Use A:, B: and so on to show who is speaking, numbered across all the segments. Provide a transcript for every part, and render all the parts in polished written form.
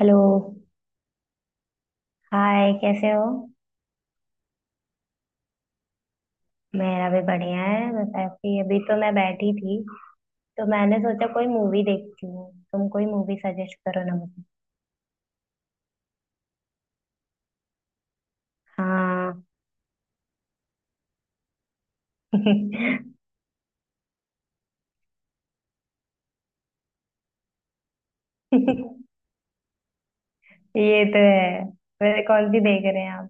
A: Hello. Hi, कैसे हो? मेरा भी बढ़िया है। बस ऐसे ही, अभी तो मैं बैठी थी, तो मैंने सोचा कोई मूवी देखती हूँ। तुम कोई मूवी सजेस्ट करो ना मुझे। हाँ। ये तो है। वैसे कौन सी देख रहे हैं आप?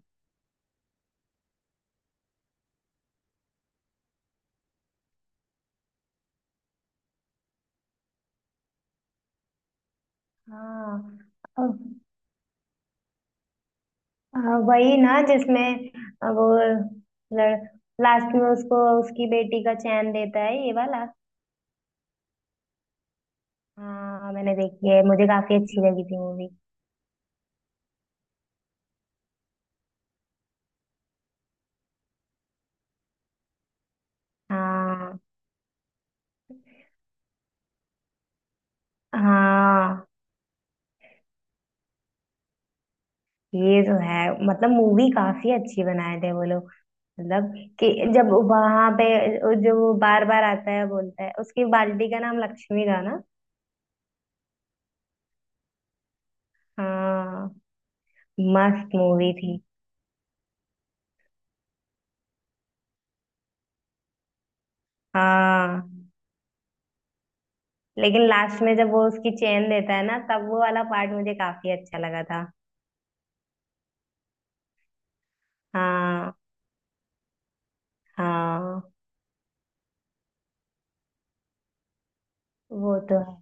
A: हाँ। अ, वही ना जिसमें वो लड़ लास्ट में उसको उसकी बेटी का चैन देता है ये वाला। हाँ, मैंने देखी है, मुझे काफी अच्छी लगी थी मूवी। हाँ हाँ। ये तो है। मतलब मूवी काफी अच्छी बनाए थे वो लोग। मतलब कि जब वहां पे जो वो बार बार आता है बोलता है, उसकी बाल्टी का नाम लक्ष्मी था ना। हाँ। मस्त मूवी थी। हाँ। लेकिन लास्ट में जब वो उसकी चेन देता है ना, तब वो वाला पार्ट मुझे काफी अच्छा लगा था। हाँ हाँ। वो तो है।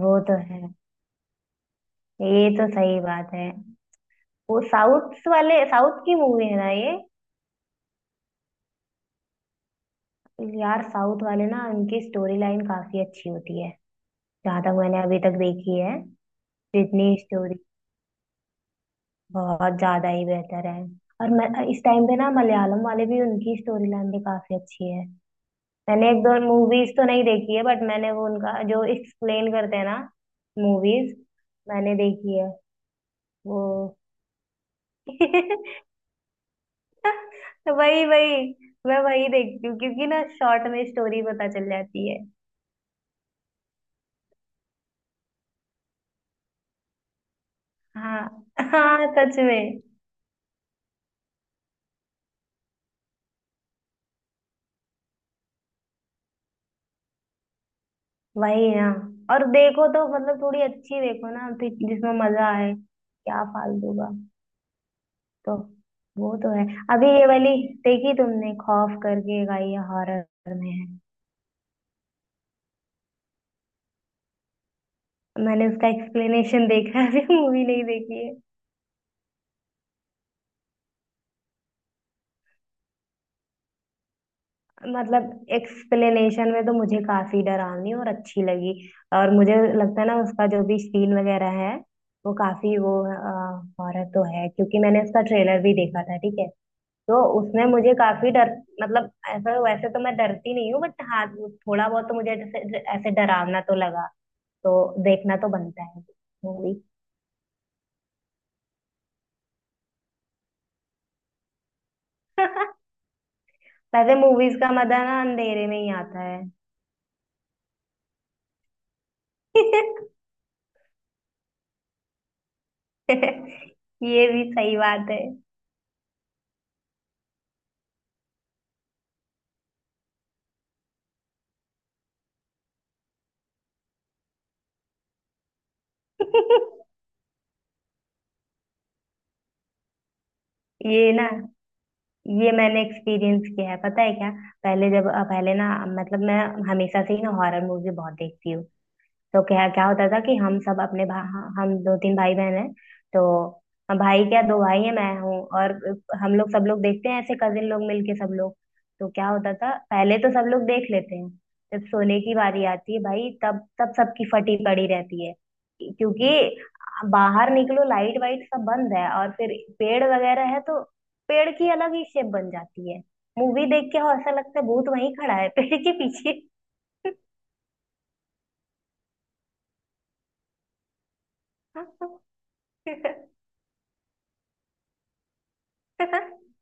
A: वो तो है। ये तो सही बात है। वो साउथ वाले, साउथ की मूवी है ना ये। यार, साउथ वाले ना, उनकी स्टोरी लाइन काफी अच्छी होती है, जहाँ तक मैंने अभी तक देखी है। जितनी स्टोरी, बहुत ज्यादा ही बेहतर है। और इस टाइम पे ना मलयालम वाले भी, उनकी स्टोरी लाइन भी काफी अच्छी है। मैंने एक दो मूवीज तो नहीं देखी है, बट मैंने वो उनका जो एक्सप्लेन करते हैं ना, मूवीज, मैंने देखी है। वो वही वही, मैं वही देखती हूँ, क्योंकि ना शॉर्ट में स्टोरी पता चल जाती है। हाँ हाँ, सच में। वही ना। और देखो तो मतलब थोड़ी अच्छी देखो ना, तो जिसमें मजा आए, क्या फालतू का। तो वो तो है। अभी ये वाली देखी तुमने, खौफ करके गाई है, हॉरर में है? मैंने उसका एक्सप्लेनेशन देखा है, अभी मूवी नहीं देखी है। मतलब एक्सप्लेनेशन में तो मुझे काफी डरावनी और अच्छी लगी। और मुझे लगता है ना उसका जो भी सीन वगैरह है, वो काफी वो, हॉरर तो है, क्योंकि मैंने उसका ट्रेलर भी देखा था, ठीक है। तो उसने मुझे काफी डर, मतलब ऐसा वैसे तो मैं डरती नहीं हूँ, बट हाँ, वो थोड़ा बहुत तो मुझे ऐसे ऐसे डरावना तो लगा। तो देखना तो बनता है मूवी। वैसे मूवीज का मजा ना अंधेरे में ही आता है। ये भी सही बात है। ये ना, ये मैंने एक्सपीरियंस किया है, पता है क्या? पहले ना, मतलब मैं हमेशा से ही ना हॉरर मूवी बहुत देखती हूँ। तो क्या क्या होता था कि हम सब अपने हाँ, हम दो तीन भाई बहन हैं। तो हम भाई क्या, दो भाई हैं, मैं हूँ और हम लोग, सब लोग देखते हैं ऐसे कजिन लोग मिलके सब लोग। तो क्या होता था, पहले तो सब लोग देख लेते हैं। जब सोने की बारी आती है भाई, तब तब सबकी फटी पड़ी रहती है। क्योंकि बाहर निकलो, लाइट वाइट सब बंद है, और फिर पेड़ वगैरह है तो पेड़ की अलग ही शेप बन जाती है। मूवी देख के हो, ऐसा लगता है भूत वहीं खड़ा है पेड़ के पीछे।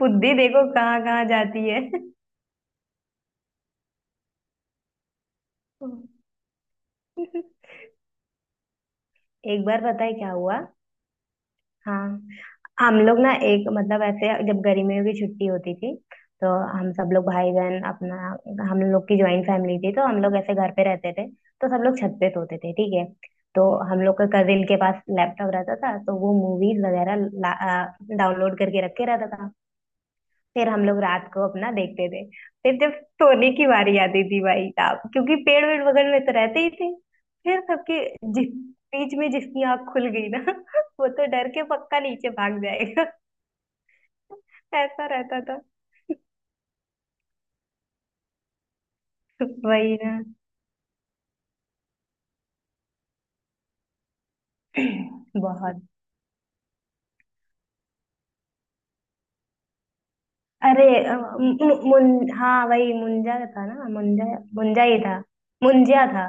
A: बुद्धि देखो कहाँ कहाँ जाती है। एक बार पता है क्या हुआ? हाँ, हम लोग ना एक, मतलब ऐसे जब गर्मियों की छुट्टी होती थी, तो हम सब लोग भाई बहन अपना, हम लोग की ज्वाइंट फैमिली थी, तो हम लोग ऐसे घर पे रहते थे। तो सब लोग छत पे सोते थे, ठीक है। तो हम लोग का कजिन के पास लैपटॉप रहता था, तो वो मूवीज वगैरह डाउनलोड करके रखे रहता था। फिर हम लोग रात को अपना देखते थे। फिर जब सोने की बारी आती थी भाई साहब, क्योंकि पेड़ वेड़ बगल में तो रहते ही थे, फिर सबके, जिस बीच में जिसकी आंख खुल गई ना वो तो डर के पक्का नीचे भाग जाएगा। ऐसा रहता था। वही ना। बहुत। अरे मुन, हाँ, वही मुंजा था ना, मुंजा। मुंजा ही था। मुंजिया था।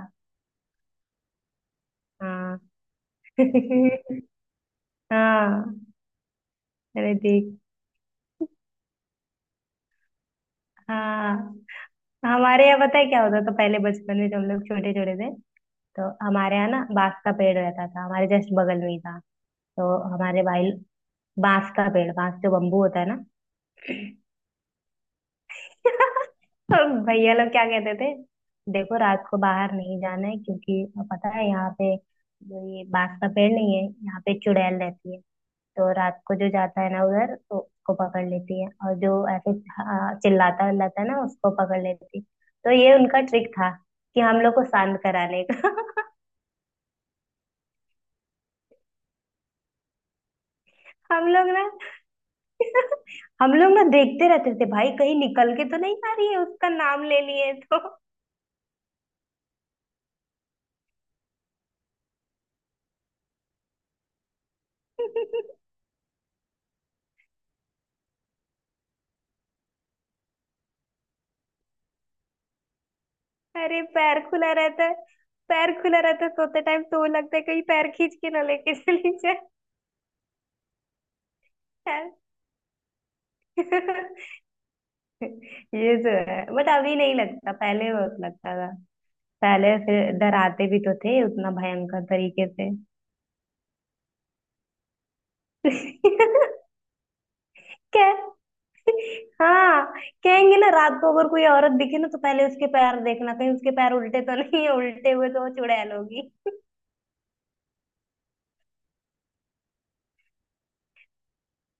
A: हाँ। हाँ। अरे देख। हाँ। हमारे यहाँ पता है क्या होता था? तो पहले बचपन में जब हम लोग छोटे छोटे थे, तो हमारे यहाँ ना बांस का पेड़ रहता था, हमारे जस्ट बगल में ही था। तो हमारे भाई, बांस का पेड़, बांस जो बम्बू होता है ना। तो भैया लोग क्या कहते थे, देखो रात को बाहर नहीं जाना है, क्योंकि पता है यहाँ पे जो ये बांस का पेड़ नहीं है, यहाँ पे चुड़ैल रहती है। तो रात को जो जाता है ना उधर, तो उसको पकड़ लेती है, और जो ऐसे हाँ, चिल्लाता विल्लाता है ना, उसको पकड़ लेती है। तो ये उनका ट्रिक था कि हम लोग को शांत कराने का। हम लोग ना हम लोग ना देखते रहते थे भाई, कहीं निकल के तो नहीं आ रही है उसका नाम ले लिए तो। अरे पैर खुला रहता है, पैर खुला रहता है सोते टाइम, तो लगता है कहीं पैर खींच के ना लेके चली जाए। यार। ये तो है, बट अभी नहीं लगता, पहले बहुत लगता। पहले फिर डराते भी तो थे उतना भयंकर तरीके से। क्या। हाँ। कहेंगे ना रात को अगर कोई औरत दिखे ना, तो पहले उसके पैर देखना, कहीं उसके पैर उल्टे तो नहीं है, उल्टे हुए तो वो चुड़ैल होगी।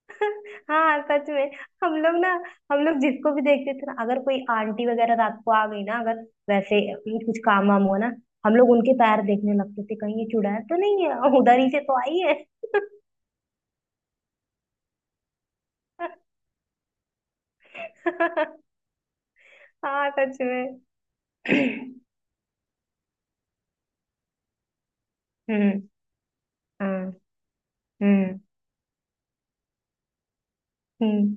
A: हाँ, सच में। हम लोग ना, हम लोग जिसको भी देखते थे ना, अगर कोई आंटी वगैरह रात को आ गई ना, अगर वैसे कुछ काम वाम हुआ ना, हम लोग उनके पैर देखने लगते थे, कहीं ये चुड़ैल तो नहीं है, उधर ही से तो आई है। हाँ, सच में। हम्म। हम्म। हम्म। हम्म।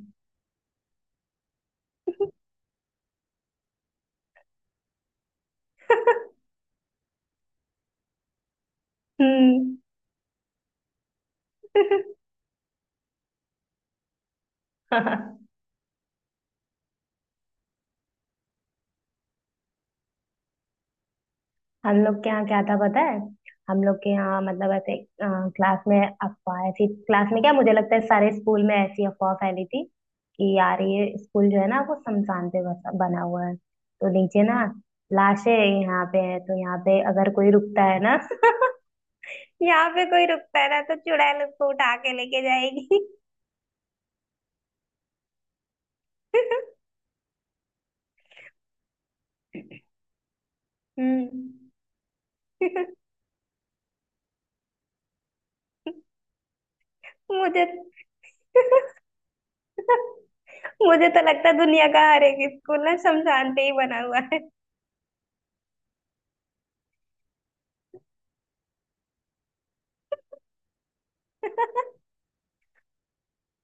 A: हम्म। हम लोग के यहाँ क्या था पता है? हम लोग के यहाँ, मतलब ऐसे क्लास में, अफवाह ऐसी क्लास में, क्या मुझे लगता है सारे स्कूल में ऐसी अफवाह फैली थी, कि यार ये स्कूल जो है ना, वो शमशान पे बसा बना हुआ है। तो नीचे ना लाशें यहाँ पे है, तो यहाँ पे अगर कोई रुकता है ना, यहाँ पे कोई रुकता है ना, तो चुड़ैल उसको उठा के लेके जाएगी। हम्म। मुझे मुझे तो लगता है दुनिया का हर एक स्कूल ना शमशान पे ही बना हुआ है।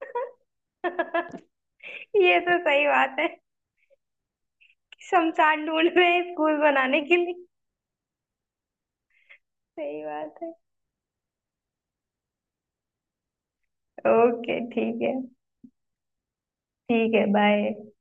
A: ये तो सही बात है कि शमशान ढूंढ रहे हैं स्कूल बनाने के लिए। सही बात है। ओके, ठीक है। ठीक है, बाय।